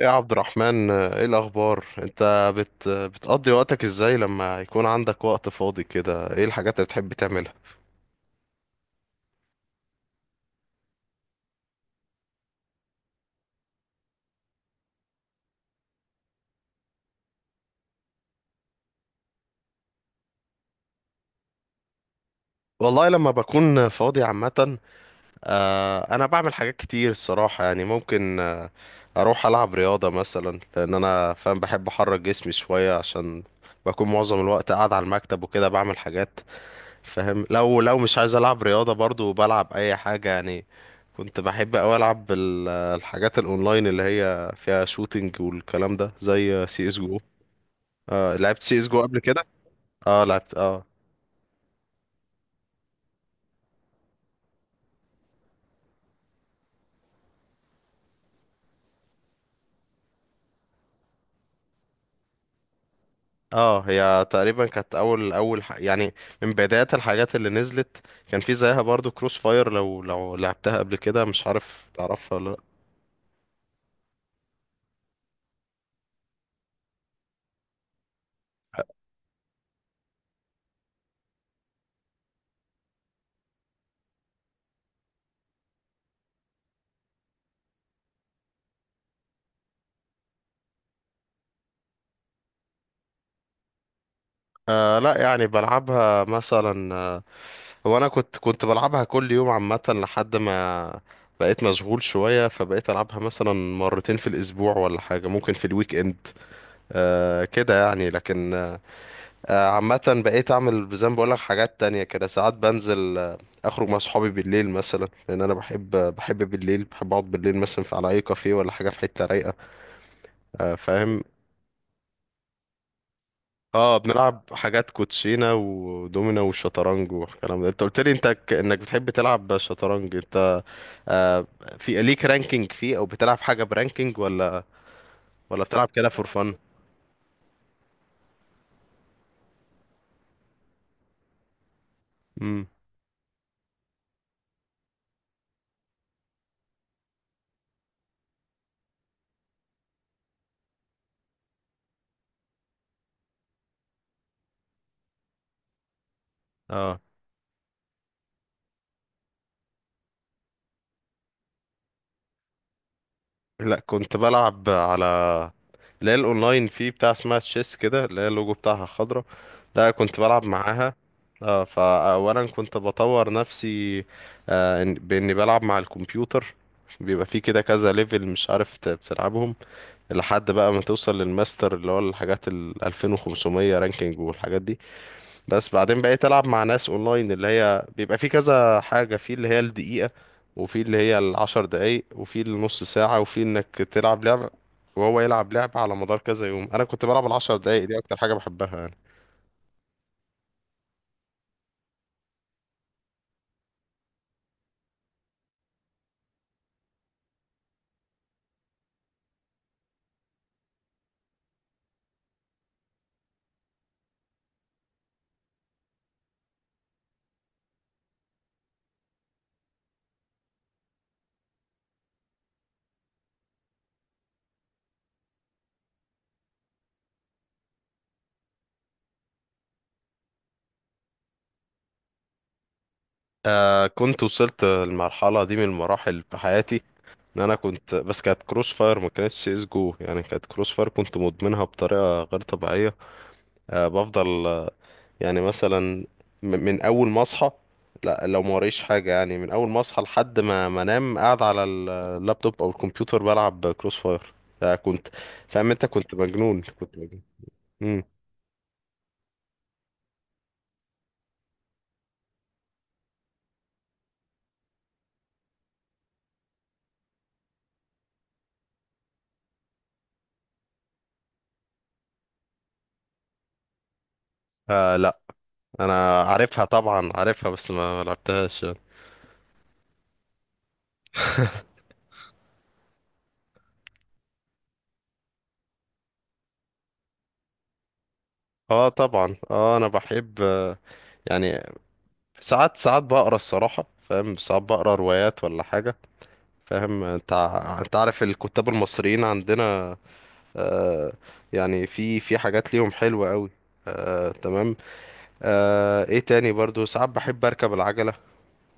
يا عبد الرحمن، ايه الاخبار؟ انت بتقضي وقتك ازاي لما يكون عندك وقت فاضي كده؟ ايه الحاجات اللي بتحب تعملها؟ والله لما بكون فاضي عامة، انا بعمل حاجات كتير الصراحة. يعني ممكن اروح العب رياضة مثلا، لان انا فاهم بحب احرك جسمي شوية، عشان بكون معظم الوقت قاعد على المكتب وكده بعمل حاجات. فاهم، لو مش عايز العب رياضه برضو بلعب اي حاجه. يعني كنت بحب اوي العب الحاجات الاونلاين اللي هي فيها شوتينج والكلام ده، زي سي اس جو. آه لعبت سي اس جو قبل كده، اه لعبت اه. اه هي تقريبا كانت اول يعني من بدايات الحاجات اللي نزلت. كان في زيها برضو كروس فاير، لو لعبتها قبل كده. مش عارف تعرفها ولا لا. آه لا، يعني بلعبها مثلا. هو انا كنت بلعبها كل يوم عامه لحد ما بقيت مشغول شويه، فبقيت العبها مثلا مرتين في الاسبوع ولا حاجه، ممكن في الويك اند. آه كده يعني، لكن عامه بقيت اعمل زي ما بقول لك حاجات تانية كده. ساعات بنزل، اخرج مع صحابي بالليل مثلا، لان انا بحب بالليل، بحب اقعد بالليل مثلا في على اي كافيه ولا حاجه في حته رايقه. آه فاهم. اه بنلعب حاجات كوتشينه ودومينو والشطرنج والكلام ده. انت قلت لي انت انك بتحب تلعب شطرنج، انت. آه في ليك رانكينج فيه، او بتلعب حاجه برانكينج ولا بتلعب كده فور فن؟ امم. اه لا، كنت بلعب على اللي هي الاونلاين فيه، بتاع اسمها تشيس كده، اللي هي اللوجو بتاعها خضرا، ده كنت بلعب معاها. اه فاولا كنت بطور نفسي، باني بلعب مع الكمبيوتر. بيبقى فيه كده كذا ليفل، مش عارف بتلعبهم لحد بقى ما توصل للماستر اللي هو الحاجات ال 2500 رانكينج والحاجات دي. بس بعدين بقيت العب مع ناس اونلاين، اللي هي بيبقى في كذا حاجه، في اللي هي الدقيقه، وفي اللي هي العشر دقايق، وفي النص ساعه، وفي انك تلعب لعبه وهو يلعب لعبه على مدار كذا يوم. انا كنت بلعب العشر دقايق دي اكتر حاجه بحبها يعني. آه كنت وصلت المرحله دي من المراحل في حياتي، ان انا كنت، بس كانت كروس فاير ما كانتش سي اس جو. يعني كانت كروس فاير، كنت مدمنها بطريقه غير طبيعيه. آه بفضل، يعني مثلا من اول ما اصحى، لا لو ما وريش حاجه، يعني من اول ما اصحى لحد ما انام قاعد على اللابتوب او الكمبيوتر بلعب كروس فاير. ده كنت، فاهم انت، كنت مجنون. كنت مجنون. امم. آه لا، انا عارفها طبعا عارفها، بس ما لعبتهاش يعني. اه طبعا، اه انا بحب، يعني ساعات بقرا الصراحه، فاهم، ساعات بقرا روايات ولا حاجه. فاهم، انت انت عارف الكتاب المصريين عندنا. آه، يعني في حاجات ليهم حلوة قوي. آه تمام. آه ايه تاني؟ برضو ساعات بحب اركب العجلة.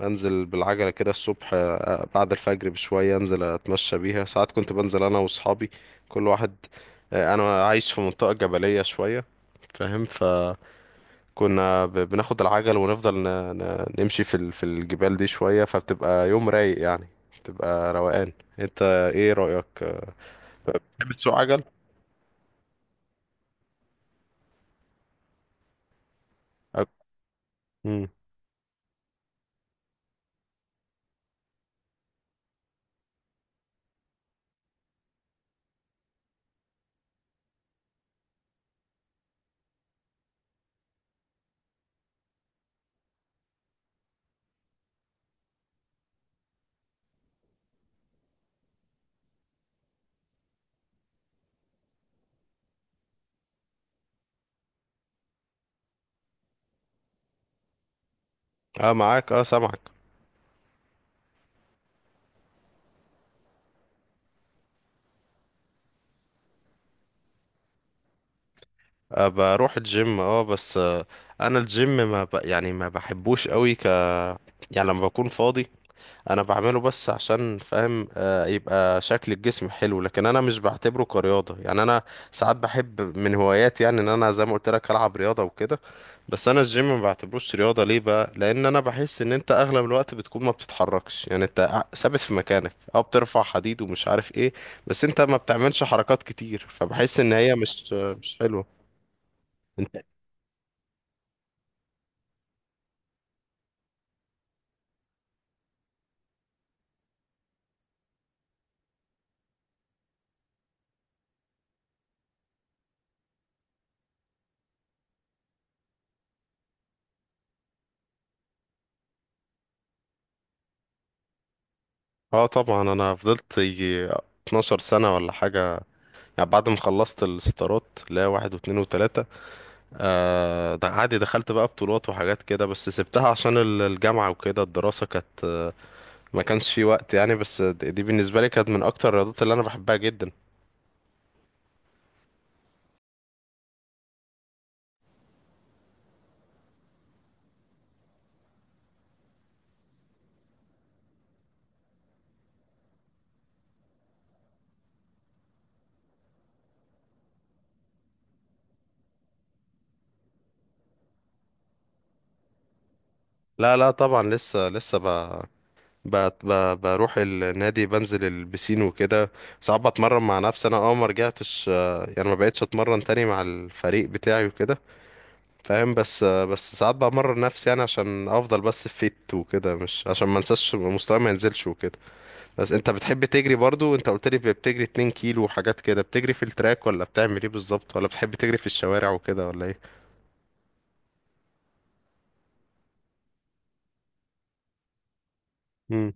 انزل بالعجلة كده الصبح آه بعد الفجر بشوية، انزل اتمشى بيها. ساعات كنت بنزل انا واصحابي، كل واحد، آه انا عايش في منطقة جبلية شوية، فاهم، فكنا بناخد العجل ونفضل نمشي في في الجبال دي شوية، فبتبقى يوم رايق يعني، بتبقى روقان. انت، ايه رأيك؟ تحب تسوق عجل؟ أب- مم. اه معاك اه سامعك. آه بروح الجيم اه، بس آه انا الجيم ما ب... يعني ما بحبوش قوي، يعني لما بكون فاضي انا بعمله، بس عشان فاهم يبقى شكل الجسم حلو، لكن انا مش بعتبره كرياضة. يعني انا ساعات بحب من هواياتي، يعني ان انا زي ما قلت لك العب رياضة وكده. بس انا الجيم ما بعتبروش رياضة. ليه بقى؟ لان انا بحس ان انت اغلب الوقت بتكون ما بتتحركش، يعني انت ثابت في مكانك، او بترفع حديد ومش عارف ايه. بس انت ما بتعملش حركات كتير، فبحس ان هي مش حلوة. انت. اه طبعا، انا فضلت يجي 12 سنة ولا حاجة، يعني بعد ما خلصت الستارات، لا واحد واتنين وتلاتة. آه ده عادي، دخلت بقى بطولات وحاجات كده، بس سبتها عشان الجامعة وكده، الدراسة كانت ما كانش في وقت يعني. بس دي بالنسبة لي كانت من أكتر الرياضات اللي أنا بحبها جدا. لا لا طبعا، لسه ب... بروح النادي، بنزل البسين وكده. ساعات بتمرن مع نفسي أنا، اه ما رجعتش، يعني ما بقتش أتمرن تاني مع الفريق بتاعي وكده، فاهم. بس ساعات بمرن نفسي يعني عشان أفضل بس فيت وكده، مش عشان ما انساش، مستواي ما ينزلش وكده. بس انت بتحب تجري برضو؟ انت قلت لي بتجري 2 كيلو وحاجات كده. بتجري في التراك، ولا بتعمل ايه بالظبط؟ ولا بتحب تجري في الشوارع وكده ولا ايه؟ مم.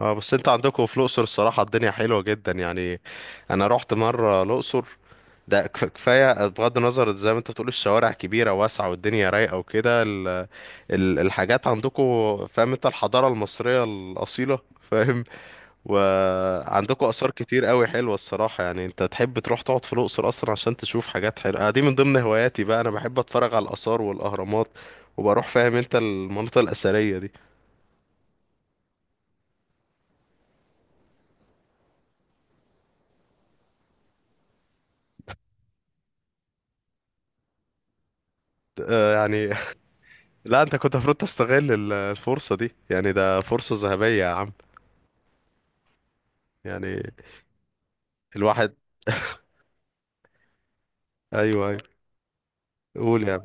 اه، بس انت عندكم في الاقصر الصراحه الدنيا حلوه جدا يعني. انا رحت مره الاقصر، ده كفايه. بغض النظر، زي ما انت بتقول، الشوارع كبيره واسعه والدنيا رايقه وكده الحاجات عندكم، فاهم انت، الحضاره المصريه الاصيله، فاهم. وعندكم آثار كتير قوي حلوة الصراحة يعني. انت تحب تروح تقعد في الأقصر أصلا عشان تشوف حاجات حلوة. دي من ضمن هواياتي بقى، أنا بحب أتفرج على الآثار والأهرامات وبروح، فاهم انت، المناطق الأثرية دي. آه، يعني لا انت كنت المفروض تستغل الفرصة دي، يعني ده فرصة ذهبية يا عم. يعني الواحد. ايوه ايوه. قول يا عم.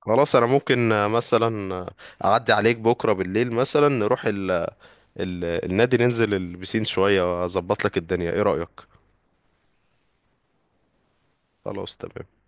خلاص انا ممكن مثلا اعدي عليك بكرة بالليل مثلا، نروح النادي، ننزل البسين شوية واظبط لك الدنيا. ايه رأيك؟ خلاص تمام.